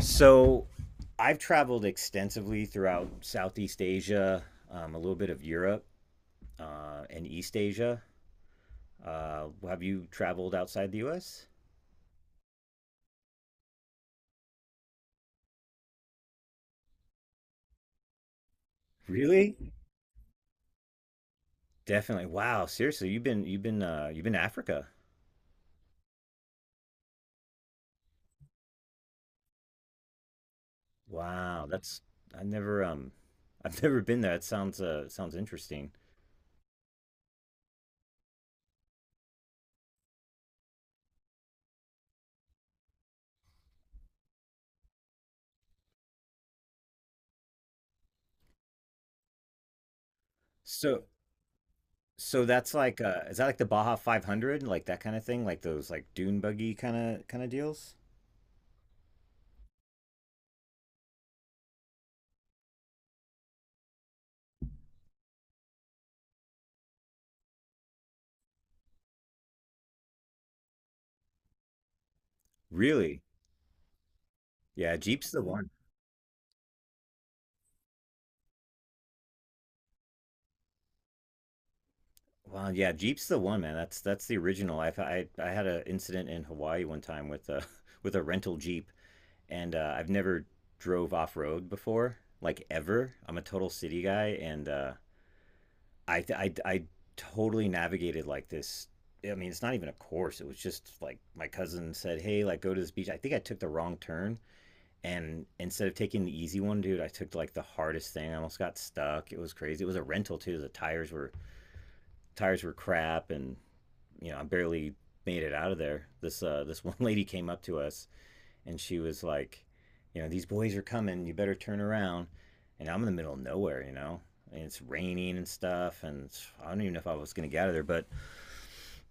So I've traveled extensively throughout Southeast Asia, a little bit of Europe, and East Asia. Have you traveled outside the U.S.? Really? Definitely. Wow. Seriously, you've been you've been to Africa. Wow. That's I never I've never been there. That sounds sounds interesting. So so that's like is that like the Baja 500, like that kind of thing, like those like dune buggy kind of deals? Really? Yeah, Jeep's the one. Well, yeah, Jeep's the one, man. That's the original. I had an incident in Hawaii one time with a with a rental Jeep, and I've never drove off road before, like ever. I'm a total city guy, and I totally navigated like this. I mean, it's not even a course. It was just like my cousin said, "Hey, like go to this beach." I think I took the wrong turn, and instead of taking the easy one, dude, I took like the hardest thing. I almost got stuck. It was crazy. It was a rental too. The tires were crap, and I barely made it out of there. This this one lady came up to us and she was like, you know, these boys are coming. You better turn around. And I'm in the middle of nowhere, you know, and it's raining and stuff. And I don't even know if I was gonna get out of there, but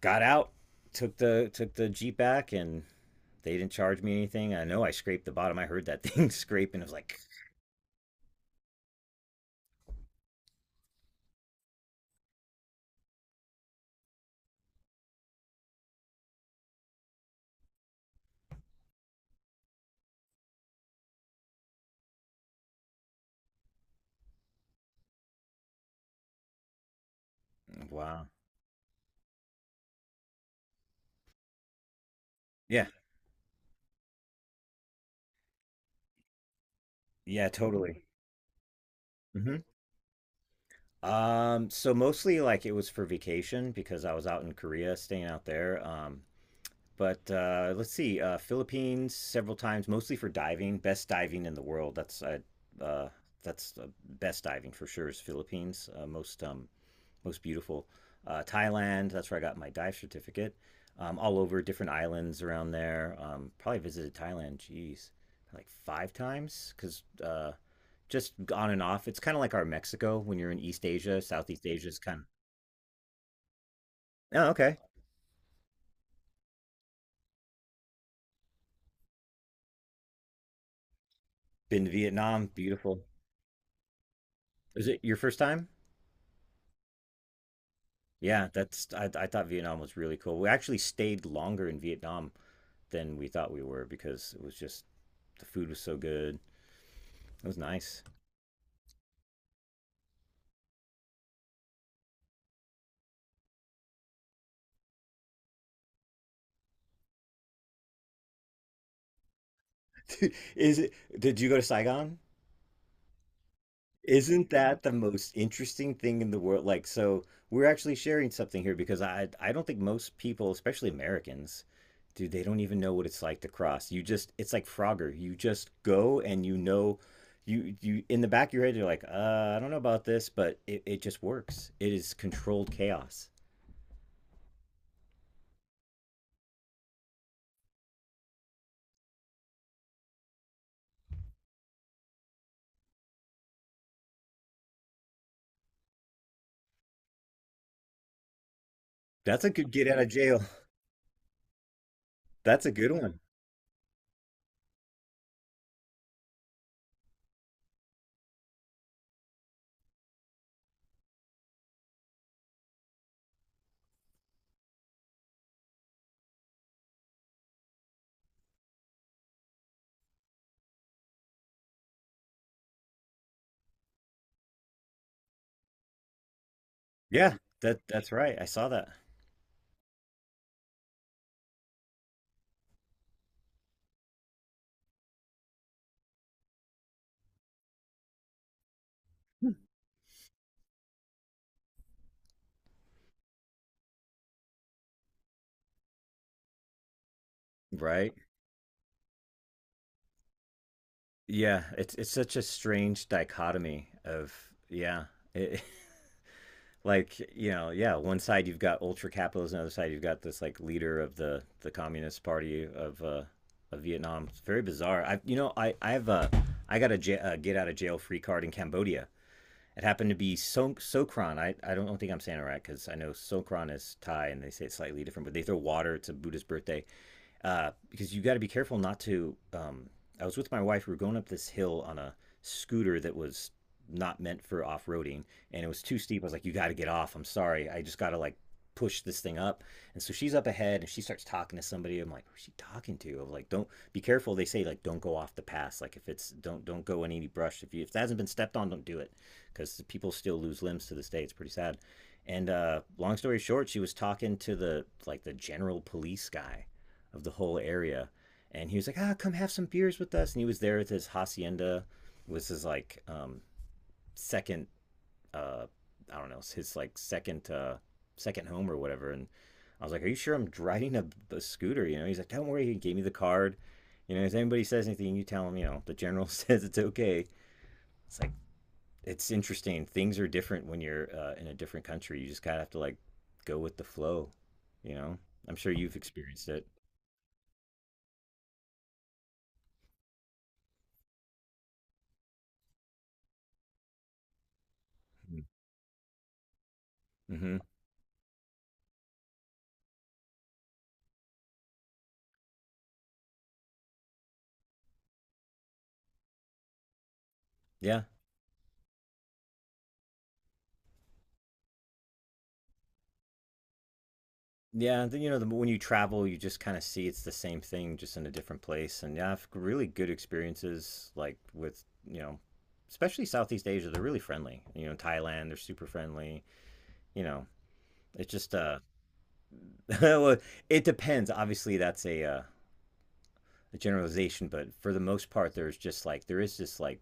got out, took the jeep back, and they didn't charge me anything. I know I scraped the bottom. I heard that thing scrape, and I was like, wow, yeah, yeah, totally. hmm so mostly like it was for vacation because I was out in Korea, staying out there. But let's see, Philippines several times, mostly for diving. Best diving in the world. Uh, that's Best diving for sure is Philippines. Most beautiful. Thailand. That's where I got my dive certificate. All over different islands around there. Probably visited Thailand. Jeez, like five times because just on and off. It's kind of like our Mexico when you're in East Asia. Southeast Asia is kind of. Oh, okay. Been to Vietnam. Beautiful. Is it your first time? Yeah, that's I thought Vietnam was really cool. We actually stayed longer in Vietnam than we thought we were because it was just the food was so good. It was nice. Is it? Did you go to Saigon? Isn't that the most interesting thing in the world? Like, so we're actually sharing something here because I don't think most people, especially Americans, dude, they don't even know what it's like to cross. You just it's like Frogger. You just go, and you know, you in the back of your head you're like, I don't know about this, but it just works. It is controlled chaos. That's a good get out of jail. That's a good one. Yeah, that's right. I saw that. Right? Yeah, it's such a strange dichotomy of yeah. Like, you know, yeah, one side you've got ultra capitalism, the other side you've got this like leader of the communist party of Vietnam. It's very bizarre. I you know i i've uh i got a get out of jail free card in Cambodia. It happened to be so Sokran. I don't think I'm saying it right, because I know Sokran is Thai and they say it's slightly different, but they throw water. It's a Buddhist birthday, because you got to be careful not to. I was with my wife. We were going up this hill on a scooter that was not meant for off roading, and it was too steep. I was like, "You got to get off. I'm sorry. I just got to like push this thing up." And so she's up ahead, and she starts talking to somebody. I'm like, "Who's she talking to?" I'm like, "Don't be careful." They say like, "Don't go off the pass. Like, if it's don't go in any brush. If you if it hasn't been stepped on, don't do it, because people still lose limbs to this day. It's pretty sad." And long story short, she was talking to the like the general police guy of the whole area. And he was like, ah, come have some beers with us. And he was there with his hacienda. It was his like second, uh, I don't know, his like second home or whatever. And I was like, are you sure? I'm driving a scooter? You know, he's like, don't worry. He gave me the card. You know, if anybody says anything, you tell them, you know, the general says it's okay. It's like, it's interesting. Things are different when you're in a different country. You just kind of have to like go with the flow, you know? I'm sure you've experienced it. Mm-hmm. Mm-hmm. Yeah. Yeah, and then, you know, the, when you travel, you just kind of see it's the same thing, just in a different place. And yeah, I've really good experiences, like with, you know, especially Southeast Asia. They're really friendly. You know, Thailand, they're super friendly. You know, it's just, well, it depends. Obviously, that's a generalization, but for the most part, there's just like, there is this like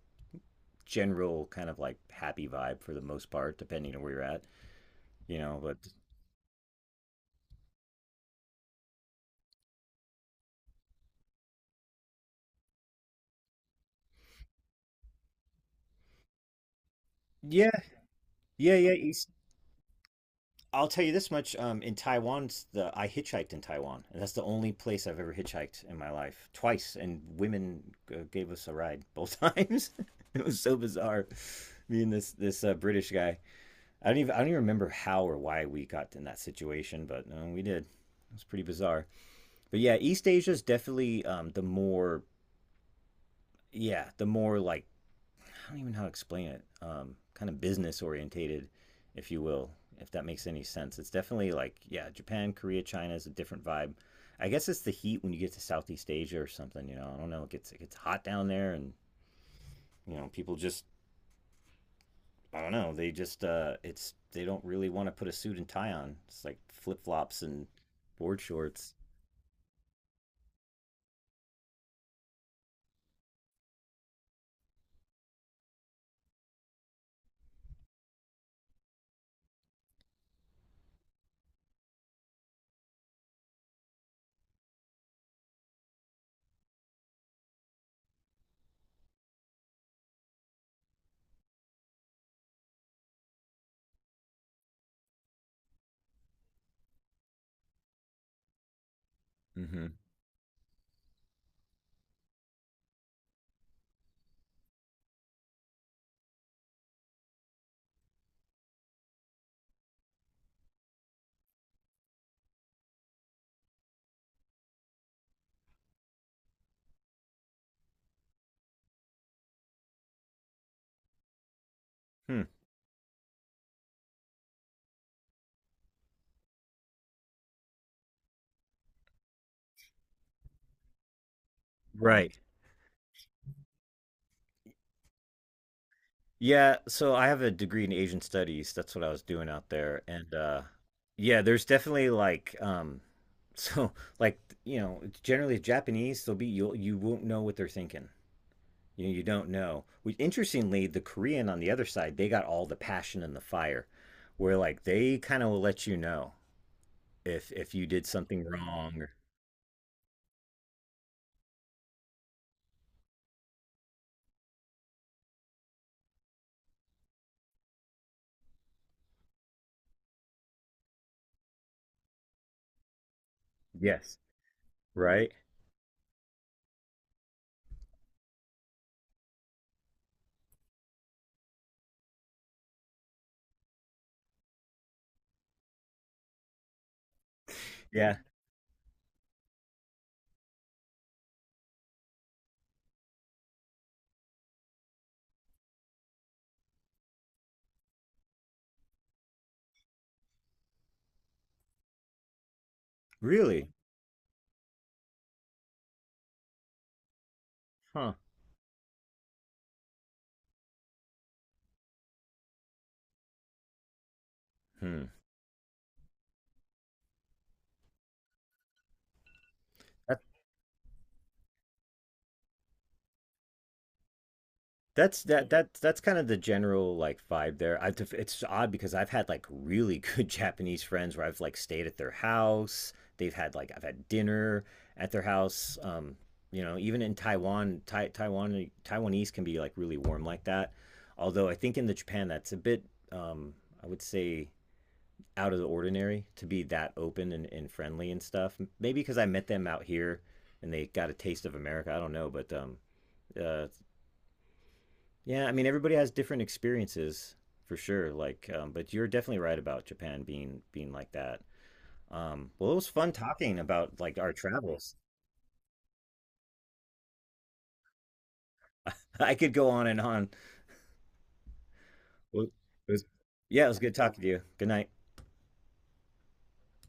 general kind of like happy vibe for the most part, depending on where you're at, you know, but yeah, yeah, yeah. I'll tell you this much. In Taiwan, the I hitchhiked in Taiwan. And that's the only place I've ever hitchhiked in my life. Twice, and women gave us a ride both times. It was so bizarre. Me and this British guy. I don't even remember how or why we got in that situation, but we did. It was pretty bizarre. But yeah, East Asia is definitely the more like I don't even know how to explain it. Kind of business orientated, if you will, if that makes any sense. It's definitely like yeah, Japan, Korea, China is a different vibe. I guess it's the heat when you get to Southeast Asia or something. You know, I don't know. It gets hot down there, and you know, people just I don't know. They just it's they don't really want to put a suit and tie on. It's like flip flops and board shorts. Mm-hmm. Hmm. Right. Yeah, so I have a degree in Asian studies. That's what I was doing out there. And yeah, there's definitely like so like, you know, generally Japanese, they'll be you'll you won't know what they're thinking. You know, you don't know. Which interestingly, the Korean on the other side, they got all the passion and the fire, where like they kind of will let you know if you did something wrong or yes, right? Yeah. Really? Huh. Hmm. That's that that that's kind of the general like vibe there. I it's odd because I've had like really good Japanese friends where I've like stayed at their house. They've had like I've had dinner at their house. You know, even in Taiwan, Taiwanese can be like really warm like that. Although I think in the Japan that's a bit um, I would say out of the ordinary to be that open and, friendly and stuff. Maybe because I met them out here and they got a taste of America. I don't know, but uh, yeah, I mean, everybody has different experiences for sure. Like, but you're definitely right about Japan being like that. Well, it was fun talking about like our travels. I could go on and on. Well, it was, yeah, it was good talking to you. Good night.